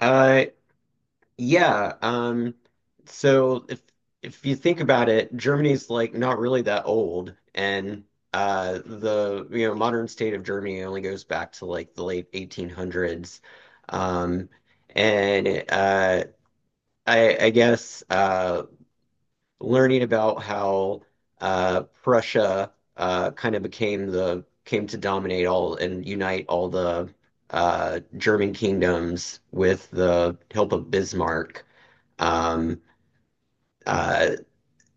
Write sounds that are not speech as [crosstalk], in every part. Uh, yeah. So if you think about it, Germany's like not really that old, and the modern state of Germany only goes back to like the late 1800s, um, and I guess learning about how Prussia kind of became the came to dominate all and unite all the German kingdoms with the help of Bismarck. um, uh,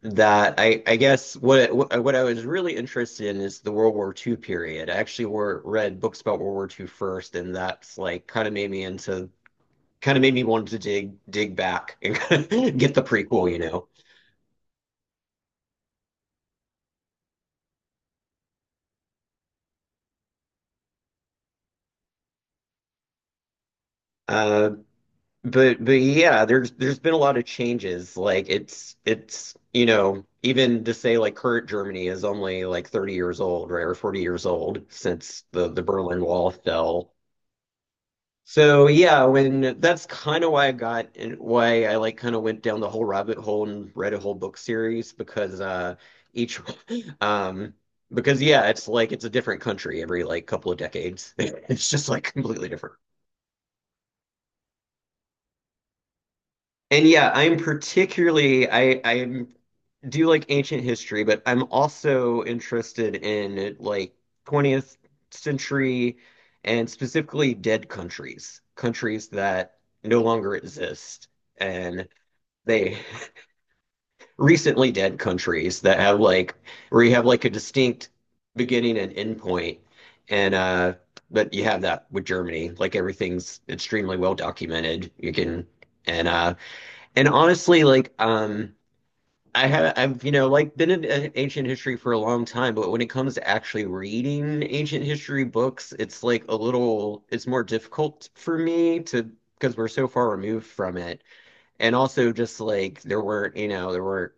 that I I guess what I was really interested in is the World War II period. I actually were read books about World War II first, and that's like kind of made me want to dig back and [laughs] get the prequel. Uh, But yeah, there's been a lot of changes. Like it's even to say like current Germany is only like 30 years old, right, or 40 years old since the Berlin Wall fell. So yeah, when that's kind of why I got and why I like kind of went down the whole rabbit hole and read a whole book series, because each [laughs] um because yeah, it's like it's a different country every like couple of decades. [laughs] It's just like completely different. And yeah, I'm particularly I do like ancient history, but I'm also interested in like 20th century, and specifically dead countries, countries that no longer exist. And they recently dead countries that have like, where you have like a distinct beginning and end point. And But you have that with Germany, like everything's extremely well documented, you can. and uh and honestly, like, I've like been in ancient history for a long time, but when it comes to actually reading ancient history books, it's like a little, it's more difficult for me to, because we're so far removed from it, and also just like there weren't, you know, there weren't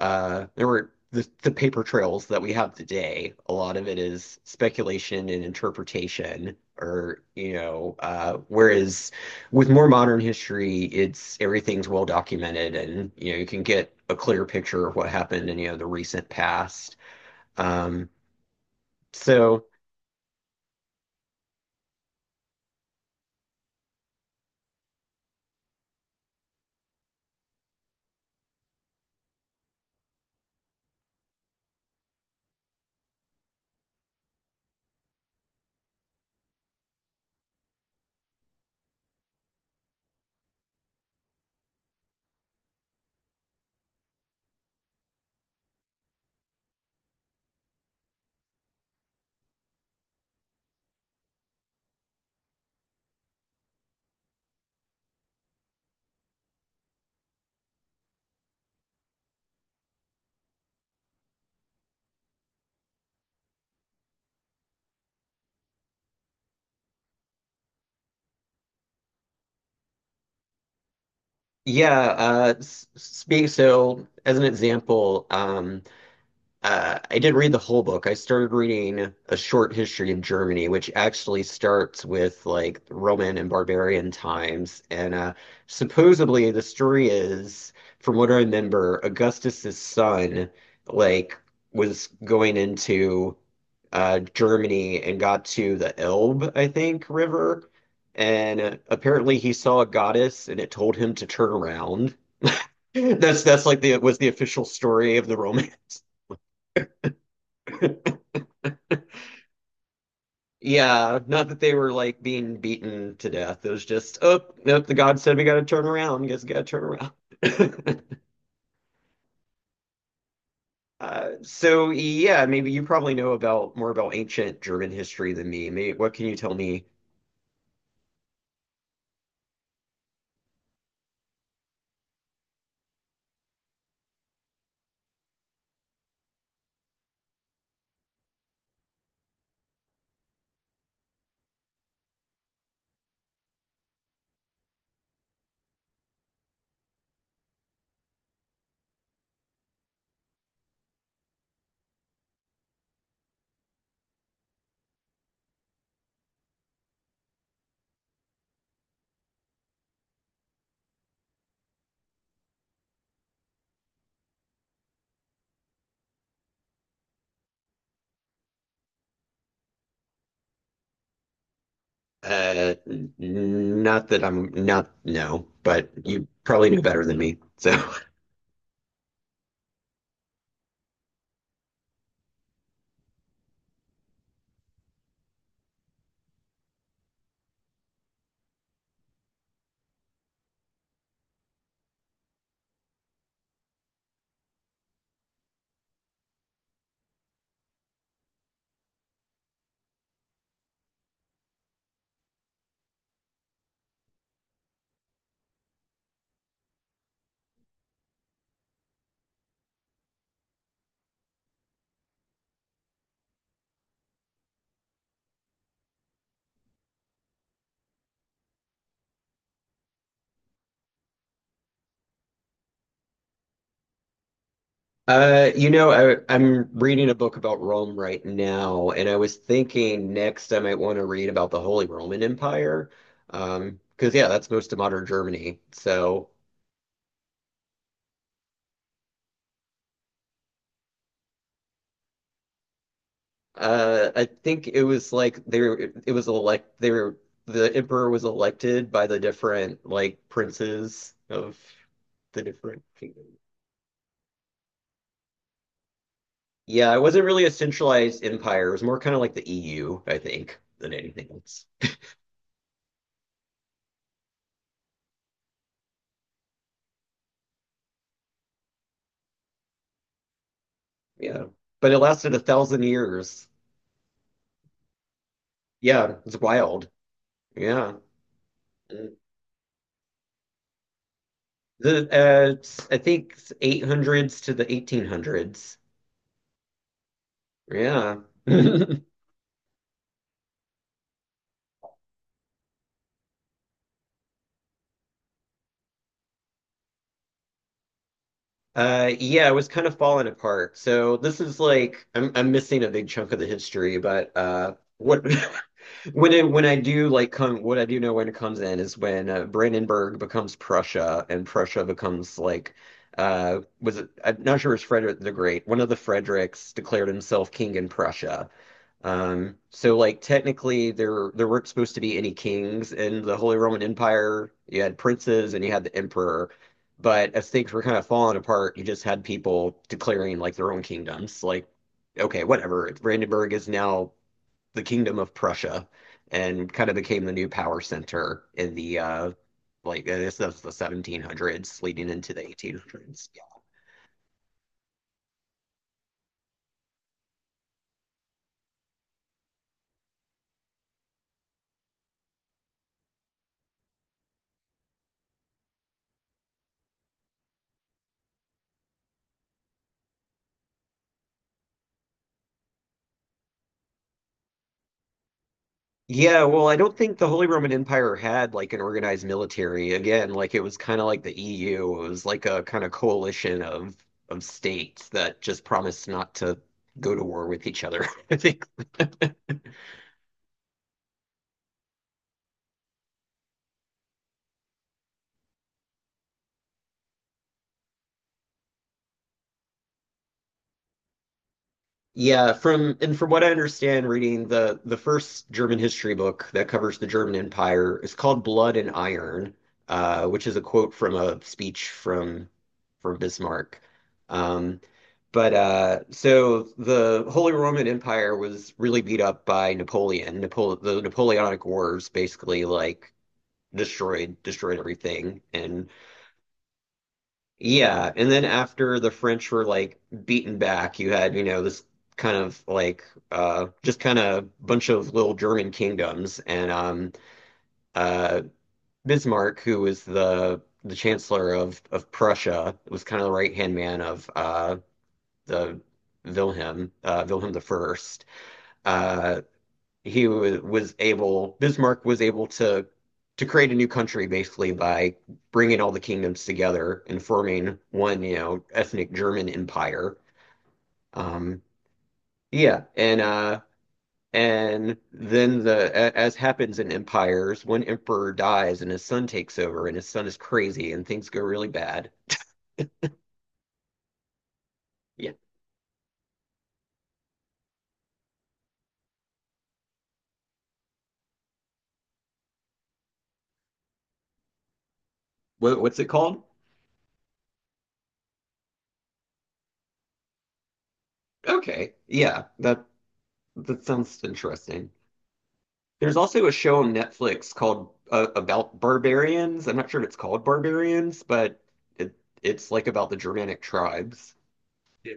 uh there weren't the paper trails that we have today. A lot of it is speculation and interpretation, or, whereas with more modern history, it's everything's well documented, and, you can get a clear picture of what happened in, the recent past. Um so yeah, s- speak so as an example. I didn't read the whole book. I started reading A Short History of Germany, which actually starts with like Roman and barbarian times. And supposedly the story is, from what I remember, Augustus's son like was going into Germany and got to the Elbe, I think, river. And apparently he saw a goddess and it told him to turn around. [laughs] That's like the was the official story of the Roman. Yeah, not that they were like being beaten to death. It was just, oh, nope, the god said we gotta turn around. Guess we gotta turn around. [laughs] So yeah, maybe you probably know about more about ancient German history than me. Maybe, what can you tell me? Not that I'm not no, but you probably knew better than me. So [laughs] I'm reading a book about Rome right now, and I was thinking next I might want to read about the Holy Roman Empire. Because yeah, that's most of modern Germany. So, I think it was like they were, it was elect they were, the emperor was elected by the different like princes of the different kingdoms. Yeah, it wasn't really a centralized empire. It was more kind of like the EU, I think, than anything else. Yeah, but it lasted 1,000 years. Yeah, it's wild. Yeah. Mm. I think it's 800s to the 1800s. Yeah. [laughs] Yeah, it was kind of falling apart. So this is like I'm missing a big chunk of the history, but what. [laughs] When I do like come, what I do know when it comes in is when Brandenburg becomes Prussia, and Prussia becomes like, was it, I'm not sure, it was Frederick the Great. One of the Fredericks declared himself king in Prussia. So like technically there weren't supposed to be any kings in the Holy Roman Empire. You had princes and you had the emperor. But as things were kind of falling apart, you just had people declaring like their own kingdoms. Like, okay, whatever. Brandenburg is now the kingdom of Prussia, and kind of became the new power center in the like, I guess that's the 1700s leading into the 1800s. Yeah, well, I don't think the Holy Roman Empire had like an organized military. Again, like it was kind of like the EU. It was like a kind of coalition of states that just promised not to go to war with each other. [laughs] I think. Yeah, from what I understand, reading the first German history book that covers the German Empire is called Blood and Iron, which is a quote from a speech from Bismarck. Um, but so the Holy Roman Empire was really beat up by Napoleon. Napole the Napoleonic Wars basically like destroyed everything, and yeah, and then after the French were like beaten back, you had, this kind of like, just kind of bunch of little German kingdoms, and uh Bismarck, who was the chancellor of Prussia, was kind of the right-hand man of the Wilhelm I. Uh he was able, Bismarck was able to create a new country basically by bringing all the kingdoms together and forming one, ethnic German empire. Um, yeah, and then as happens in empires, one emperor dies and his son takes over, and his son is crazy and things go really bad. Yeah, what's it called? Okay, yeah, that sounds interesting. There's also a show on Netflix called about barbarians. I'm not sure if it's called barbarians, but it it's like about the Germanic tribes. Yeah.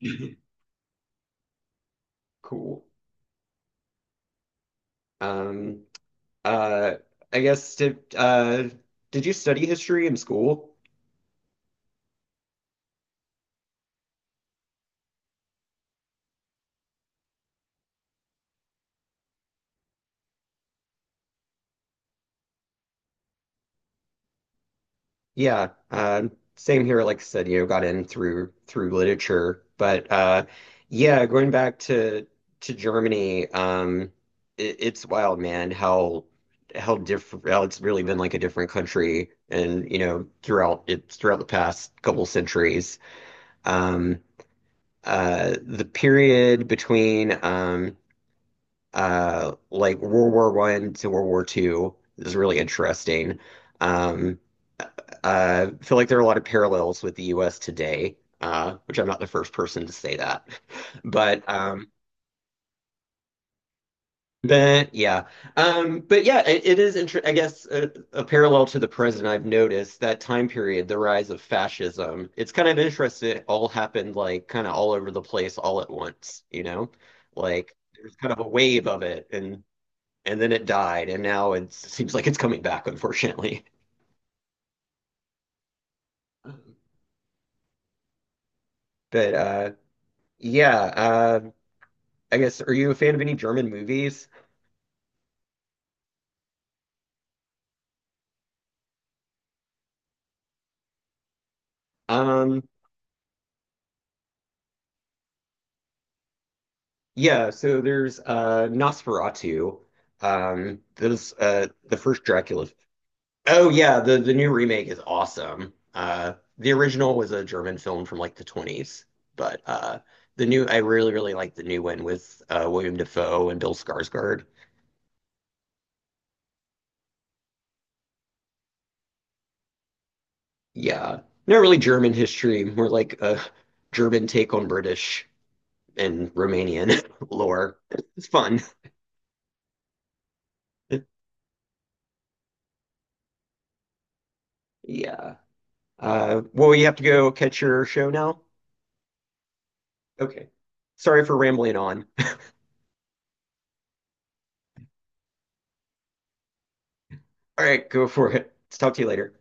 [laughs] Cool. Um, uh, I guess did you study history in school? Yeah, same here. Like I said, got in through literature, but yeah, going back to Germany. It's wild, man. How different? How it's really been like a different country, and throughout it throughout the past couple centuries. Um, the period between like World War I to World War II is really interesting. Um, uh, I feel like there are a lot of parallels with the U.S. today, which I'm not the first person to say that, [laughs] but um, but yeah, but yeah, it is inter I guess a parallel to the present. I've noticed that time period, the rise of fascism. It's kind of interesting. It all happened like kind of all over the place, all at once. Like there's kind of a wave of it, and then it died, and now it seems like it's coming back, unfortunately. [laughs] But yeah, I guess, are you a fan of any German movies? Um, yeah, so there's Nosferatu. There's the first Dracula. Oh yeah, the new remake is awesome. The original was a German film from like the 20s, but the new I really like the new one with William Dafoe and Bill Skarsgård. Yeah. Not really German history, more like a German take on British and Romanian [laughs] lore. It's fun. Yeah. Well, you have to go catch your show now? Okay. Sorry for rambling on. [laughs] All right, go for it. Talk to you later.